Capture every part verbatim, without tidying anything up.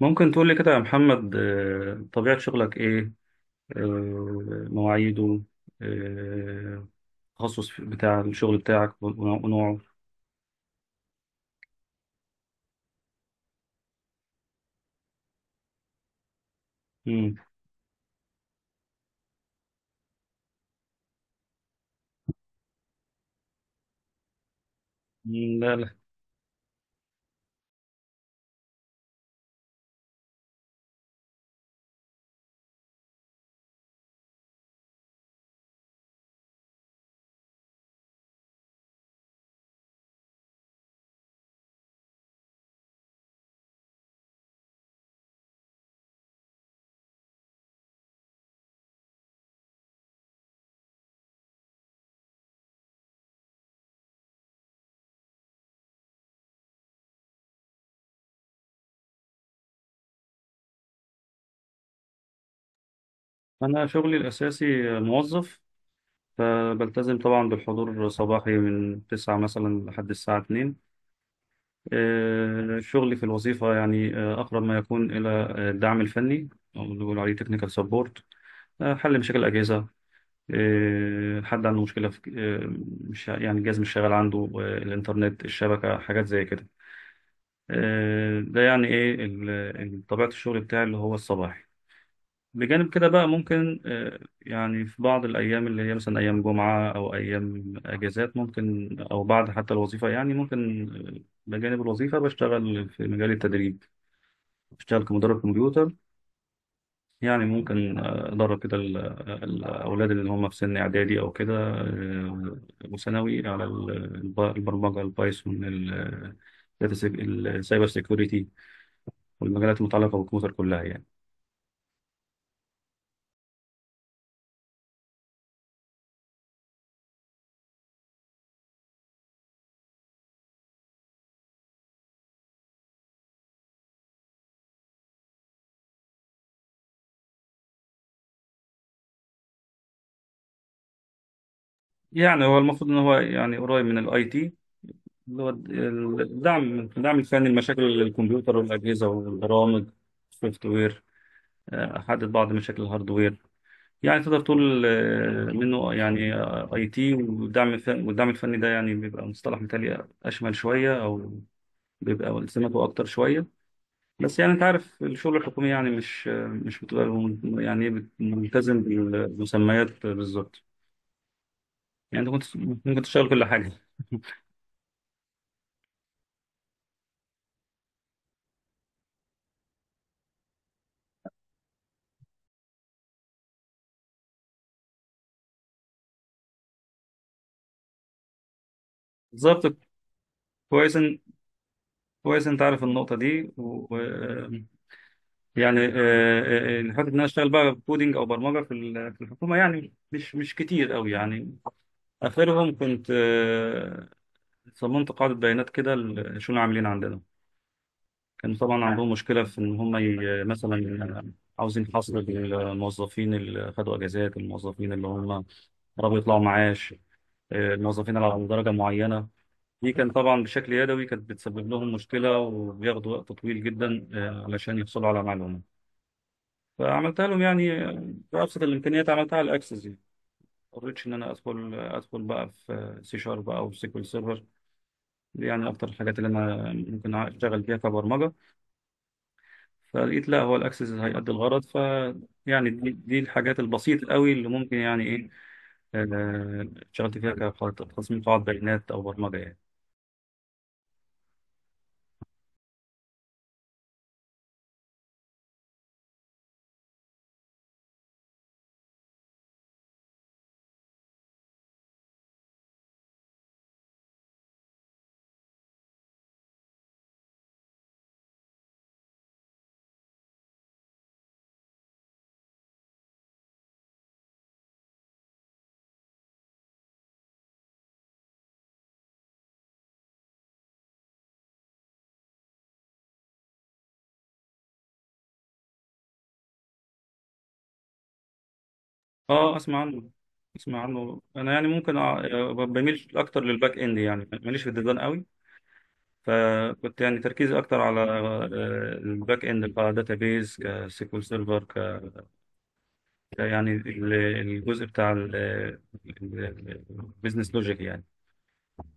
ممكن تقول لي كده يا محمد، آه، طبيعة شغلك إيه؟ آه، مواعيده؟ آه، التخصص بتاع الشغل بتاعك ونوع- ونوعه؟ مم. مم، لا لا. أنا شغلي الأساسي موظف، فبلتزم طبعا بالحضور صباحي من تسعة مثلا لحد الساعة اتنين. آه، شغلي في الوظيفة يعني آه، أقرب ما يكون إلى آه، الدعم الفني، أو اللي بيقولوا عليه تكنيكال سبورت، حل مشاكل الأجهزة. آه، حد عنده مشكلة في آه، مش يعني الجهاز مش شغال عنده، آه، الإنترنت، الشبكة، حاجات زي كده. آه، ده يعني إيه ال- ال- طبيعة الشغل بتاعي اللي هو الصباحي. بجانب كده بقى ممكن، آه، يعني في بعض الأيام اللي هي مثلا أيام جمعة أو أيام أجازات ممكن، أو بعد حتى الوظيفة يعني ممكن، آه، بجانب الوظيفة بشتغل في مجال التدريب، بشتغل كمدرب كمبيوتر. يعني ممكن آه، أدرب كده ال- الأولاد اللي هم في سن إعدادي أو كده، آه، وثانوي على ال- الب- البرمجة، البايثون، ال- داتا سيك- السايبر سيكوريتي، والمجالات المتعلقة بالكمبيوتر كلها يعني. يعني هو المفروض إن هو يعني قريب من الأي تي، اللي هو ال- الدعم الدعم الفني لمشاكل الكمبيوتر والأجهزة والبرامج، السوفت وير. آه، أحدد بعض مشاكل الهاردوير. يعني تقدر تقول آه، منه يعني آه، اي تي. والدعم الف- والدعم الفني ده يعني بيبقى مصطلح مثالي، اشمل شويه او بيبقى التزاماته اكتر شويه. بس يعني انت عارف الشغل الحكومي يعني مش آه، مش بتبقى م- يعني إيه بت- ملتزم بالمسميات بالظبط، يعني انت كنت ممكن تشتغل كل حاجه. بالظبط. كويس إن- كويس انت عارف النقطه دي، و آه، يعني آه، آه، آه، حته ان انا اشتغل بقى كودينج او برمجه في ال- في الحكومه يعني مش مش كتير قوي يعني. آخرهم كنت آه، صممت قاعدة بيانات كده ل- شو العاملين عندنا. كان طبعا عندهم مشكلة في إن هم ي- مثلا آه، عاوزين حصر للموظفين اللي خدوا أجازات، الموظفين اللي هم قربوا يطلعوا معاش، آه، الموظفين اللي على درجة معينة. دي كان طبعا بشكل يدوي، كانت بتسبب لهم مشكلة وبياخدوا وقت طويل جدا آه، علشان يحصلوا على معلومة. فعملتها لهم يعني آه، بأبسط الإمكانيات، عملتها على الأكسس يعني. ما اضطريتش إن أنا أدخل آه، أدخل بقى في سي شارب أو سيكول سيرفر. دي يعني أكتر الحاجات اللي أنا ممكن أشتغل فيها كبرمجة، فلقيت لا، هو الأكسس هيأدي الغرض. ف يعني دي, دي الحاجات البسيطة قوي اللي ممكن يعني إيه، آه، اشتغلت فيها كتصميم قواعد بيانات أو برمجة يعني. أه، أسمع عنه. أسمع عنه أنا، يعني ممكن أع- بميل أكتر للباك إند، يعني ماليش في الديزاين قوي. فكنت يعني تركيزي أكتر على آه، الباك إند، كداتابيز، كسيكول سيرفر، ك يعني ال- الجزء بتاع البيزنس لوجيك يعني.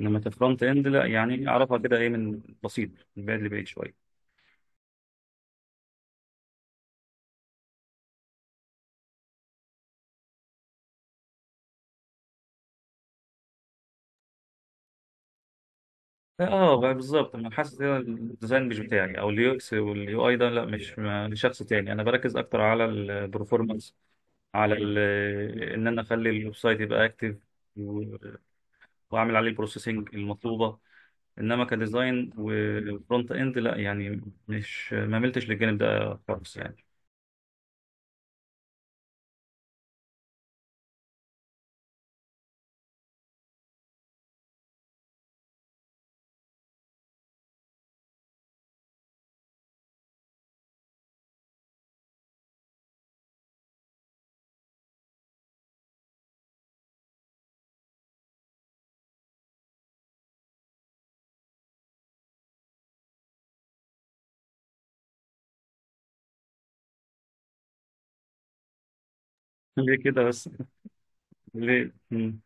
انما كفرونت اند لا، يعني اعرفها كده ايه من بسيط، من بعيد لبعيد شويه. اه بقى، بالظبط، انا حاسس ان الديزاين مش بتاعي، او اليو اكس واليو اي ده لا، مش ما- لشخص تاني. انا بركز اكتر على البرفورمانس، على ال ان انا اخلي الويب سايت يبقى اكتف، واعمل عليه البروسيسنج المطلوبه. انما كديزاين وفرونت اند لا يعني، مش ما ملتش للجانب ده خالص يعني. ليه كده بس؟ ليه؟ مم.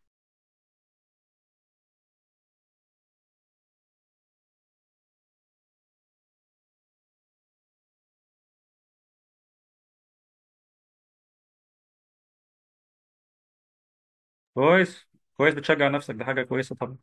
كويس. كويس، بتشجع نفسك، ده حاجه كويسه طبعا.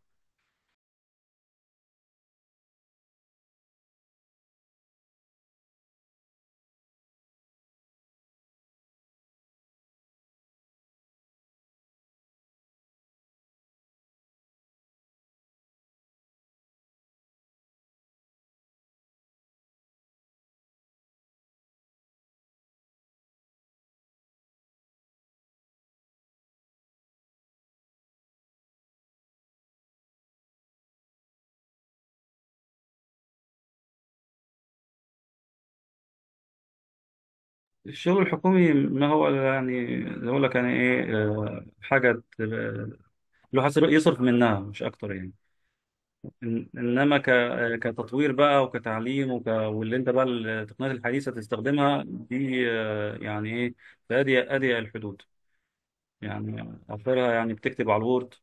الشغل الحكومي ما هو إلا يعني زي اقول لك يعني ايه، آه، حاجه ت- الواحد يصرف منها مش اكتر يعني. إن- انما ك كتطوير بقى، وكتعليم، وك واللي انت بقى التقنيات الحديثه تستخدمها دي آه، يعني ايه، في اضيق اضيق الحدود. يعني اخرها يعني بتكتب على الوورد،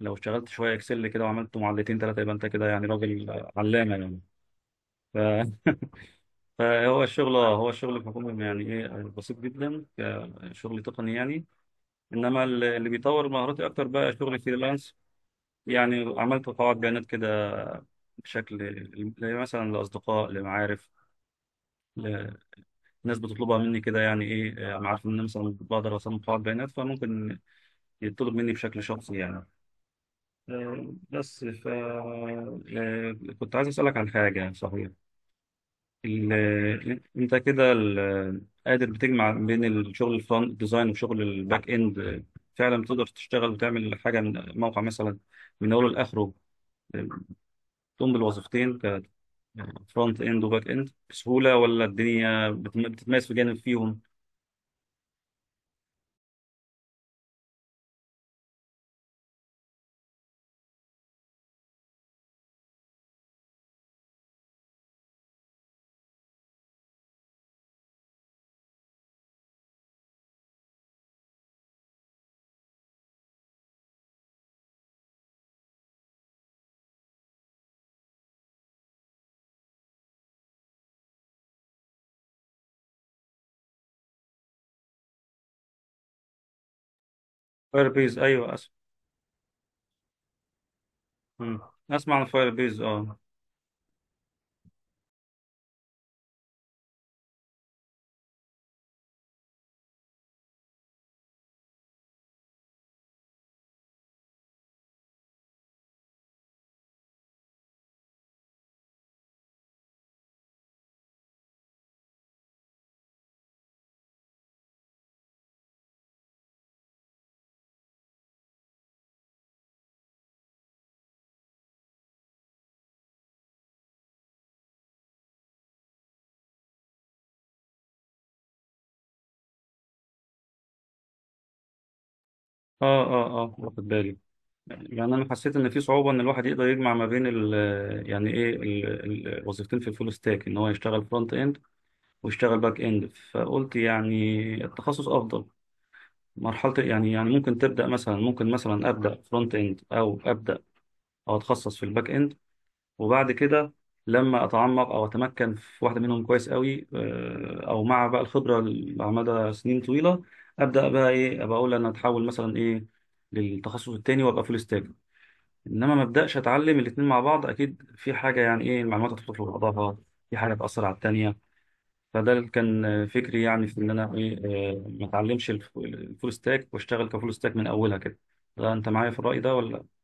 لو اشتغلت شويه اكسل كده وعملت معلتين ثلاثه يبقى انت كده يعني راجل علامه يعني. ف فهو الشغل، هو الشغل الحكومي يعني ايه بسيط جدا، كشغل تقني يعني. انما ال- اللي بيطور مهاراتي اكتر بقى شغل فريلانس. يعني عملت قواعد بيانات كده بشكل، ل- مثلا لاصدقاء، لمعارف، لناس بتطلبها مني كده، يعني ايه انا عارف ان أنا مثلا بقدر اصمم قواعد بيانات، فممكن يطلب مني بشكل شخصي يعني. آه، بس ف آه، كنت عايز اسالك عن حاجه صحيح. ال- انت كده ال- قادر بتجمع بين الشغل الفرونت ديزاين وشغل الباك اند، فعلا تقدر تشتغل وتعمل حاجه من موقع مثلا من اوله لاخره، تقوم بالوظيفتين كفرونت اند وباك اند بسهوله، ولا الدنيا بتم- بتتميز في جانب فيهم؟ فاير بيز، ايوه. أس... مم. اسمع عن فاير بيز، اه. اه، اه، اه، واخد بالي. يعني انا حسيت ان في صعوبه ان الواحد يقدر يجمع ما بين ال، يعني ايه ال- ال- الوظيفتين في الفول ستاك، ان هو يشتغل فرونت اند واشتغل باك اند. فقلت يعني التخصص افضل مرحله، يعني يعني ممكن تبدا مثلا، ممكن مثلا ابدا فرونت اند، او ابدا او اتخصص في الباك اند، وبعد كده لما اتعمق او اتمكن في واحده منهم كويس قوي، آه، او مع بقى الخبره ال- على مدى سنين طويله، ابدا بقى ايه، ابقى اقول انا اتحول مثلا ايه للتخصص التاني وابقى فول ستاك. انما ما ابداش اتعلم الاتنين مع بعض، اكيد في حاجه يعني ايه المعلومات هتدخل في بعضها، في حاجه تاثر على التانيه. فده اللي كان فكري يعني في ان انا ايه، آه، ما اتعلمش الف- الفول ستاك واشتغل كفول ستاك من اولها كده. ده انت معايا في الرأي ده ولا؟